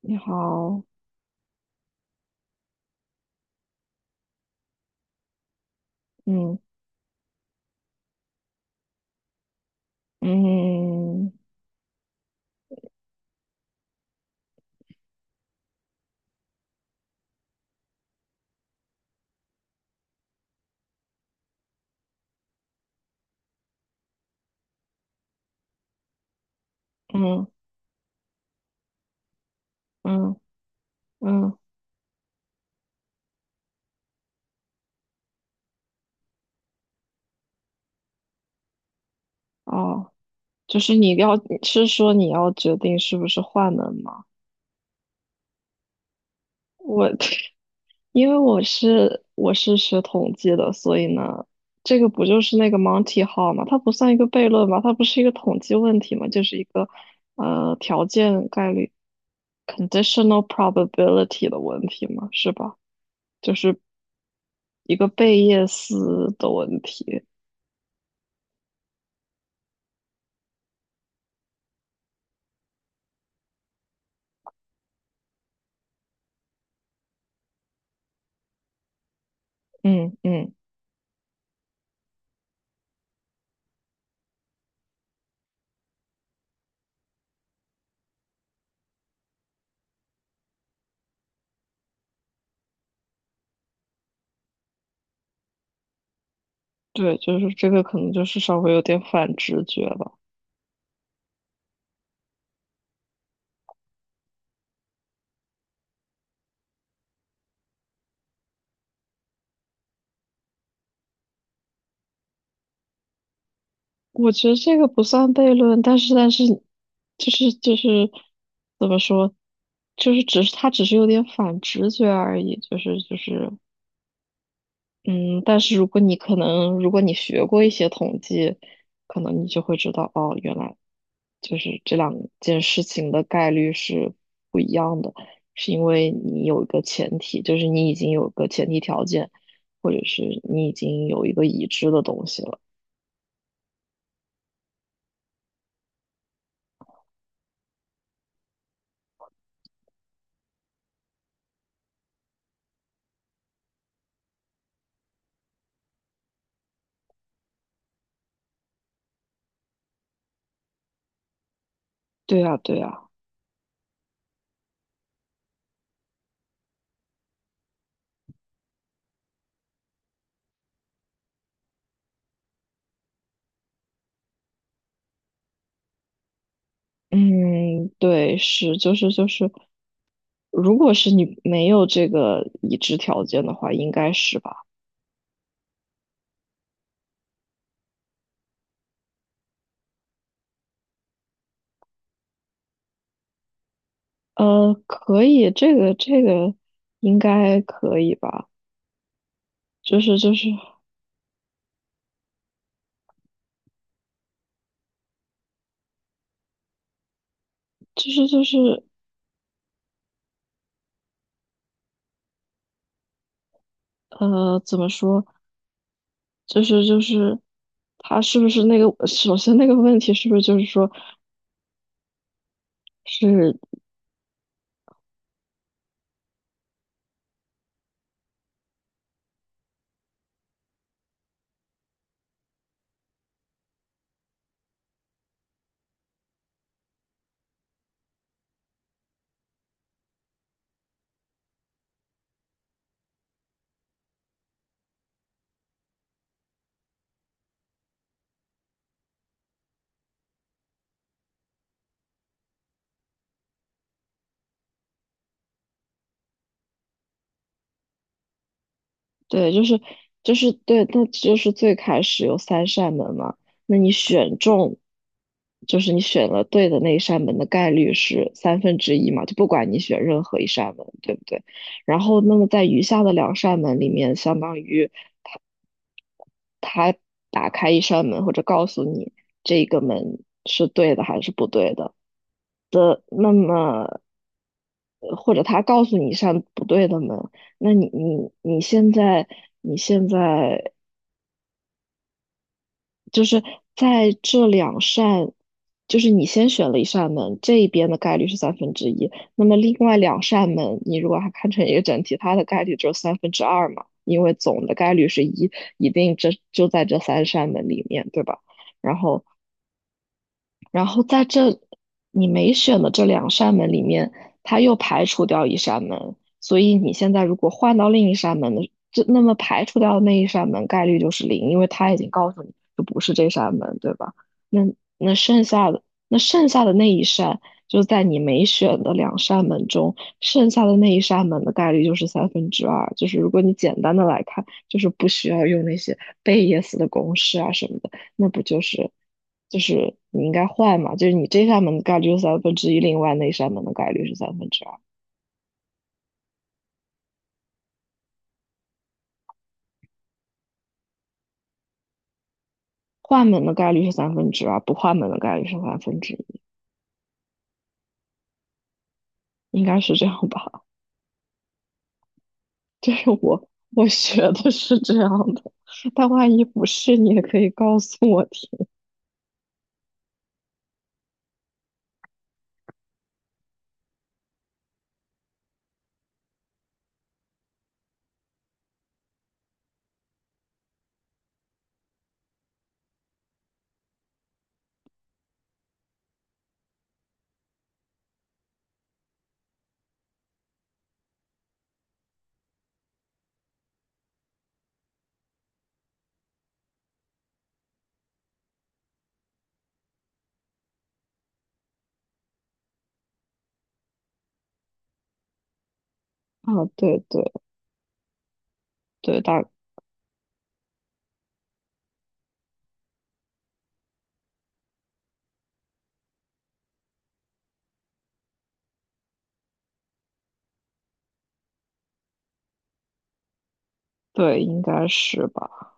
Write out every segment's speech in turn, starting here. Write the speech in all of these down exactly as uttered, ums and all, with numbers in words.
你好，嗯嗯嗯嗯嗯，哦，就是你要是说你要决定是不是换门吗？我 因为我是我是学统计的，所以呢，这个不就是那个 Monty Hall 吗？它不算一个悖论吧？它不是一个统计问题吗？就是一个呃条件概率 conditional probability 的问题嘛，是吧？就是一个贝叶斯的问题。嗯嗯。对，就是这个可能就是稍微有点反直觉吧。我觉得这个不算悖论，但是但是就是就是怎么说，就是只是他只是有点反直觉而已，就是就是嗯，但是如果你可能，如果你学过一些统计，可能你就会知道，哦，原来就是这两件事情的概率是不一样的，是因为你有一个前提，就是你已经有个前提条件，或者是你已经有一个已知的东西了。对啊，对啊，嗯，对，是，就是就是，如果是你没有这个已知条件的话，应该是吧？呃，可以，这个这个应该可以吧？就是就是就是就是呃，怎么说？就是就是他是不是那个？首先那个问题是不是就是说是对，就是就是对，那就是最开始有三扇门嘛。那你选中，就是你选了对的那一扇门的概率是三分之一嘛？就不管你选任何一扇门，对不对？然后那么在余下的两扇门里面，相当于。他打开一扇门，或者告诉你这个门是对的还是不对的。那么，呃或者他告诉你一扇不对的门，那你你你现在你现在就是在这两扇，就是你先选了一扇门，这一边的概率是三分之一，那么另外两扇门，你如果还看成一个整体，它的概率只有三分之二嘛，因为总的概率是一，一定这就在这三扇门里面，对吧？然后然后在这你没选的这两扇门里面，它又排除掉一扇门，所以你现在如果换到另一扇门的，这那么排除掉的那一扇门概率就是零，因为它已经告诉你就不是这扇门，对吧？那那剩下的那剩下的那一扇，就在你没选的两扇门中，剩下的那一扇门的概率就是三分之二。就是如果你简单的来看，就是不需要用那些贝叶斯的公式啊什么的。那不就是就是你应该换嘛？就是你这扇门的概率是三分之一，另外那扇门的概率是三分之二。换门的概率是三分之二，不换门的概率是三分之一，应该是这样吧？这是我我学的是这样的，但万一不是，你也可以告诉我听啊。对对对，大对应该是吧？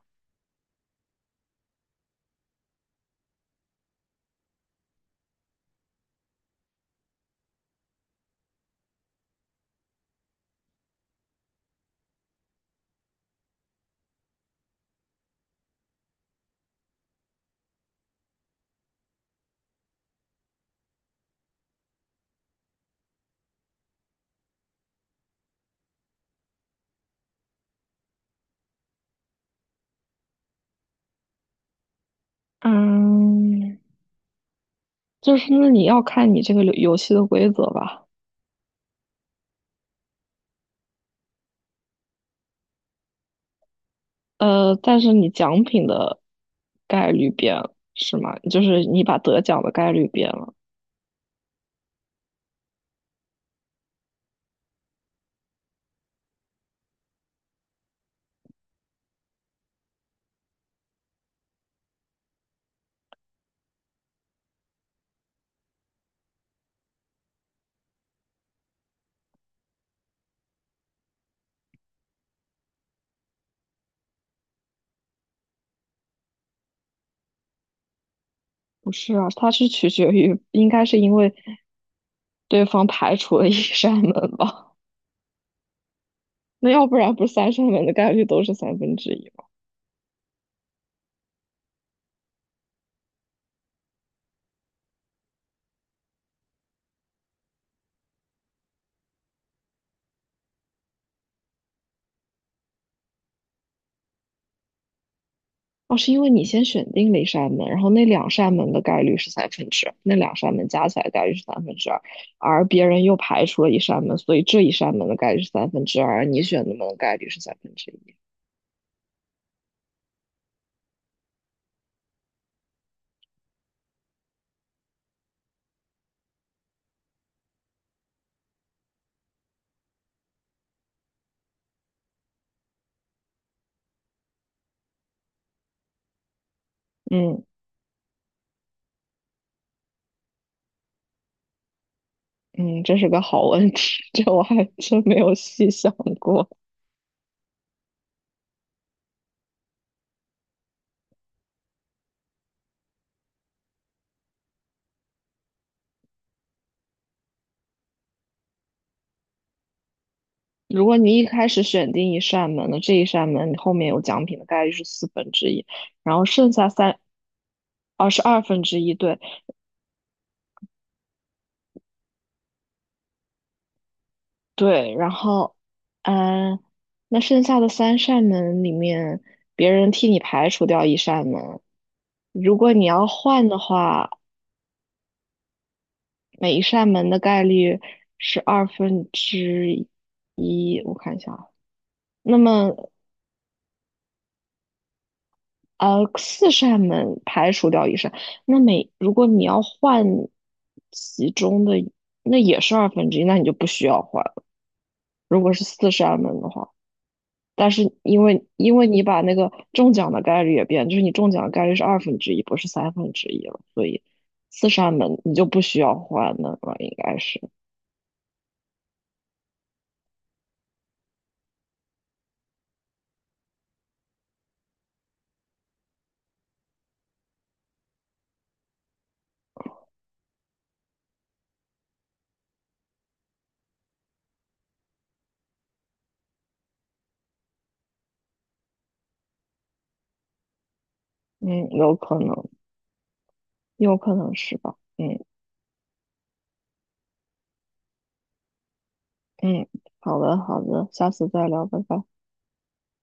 嗯，就是那你要看你这个游游戏的规则吧。呃，但是你奖品的概率变了，是吗？就是你把得奖的概率变了，不是啊？它是取决于，应该是因为对方排除了一 扇门吧？那要不然不是三扇门的概率都是三分之一吗？哦，是因为你先选定了一扇门，然后那两扇门的概率是三分之那两扇门加起来的概率是三分之二，而别人又排除了一扇门，所以这一扇门的概率是三分之二，而你选的门的概率是三分之一。嗯。嗯，这是个好问题，这我还真没有细想过。如果你一开始选定一扇门那这一扇门你后面有奖品的概率是四分之一，然后剩下三，哦，是二分之一，对对，然后，嗯，那剩下的三扇门里面，别人替你排除掉一扇门，如果你要换的话，每一扇门的概率是二分之一，我看一下啊。那么呃，四扇门排除掉一扇，那每如果你要换其中的，那也是二分之一，那你就不需要换了。如果是四扇门的话，但是因为因为你把那个中奖的概率也变，就是你中奖的概率是二分之一，不是三分之一了，所以四扇门你就不需要换的了，应该是，嗯，有可能，有可能是吧，嗯嗯，好的好的，下次再聊，拜拜。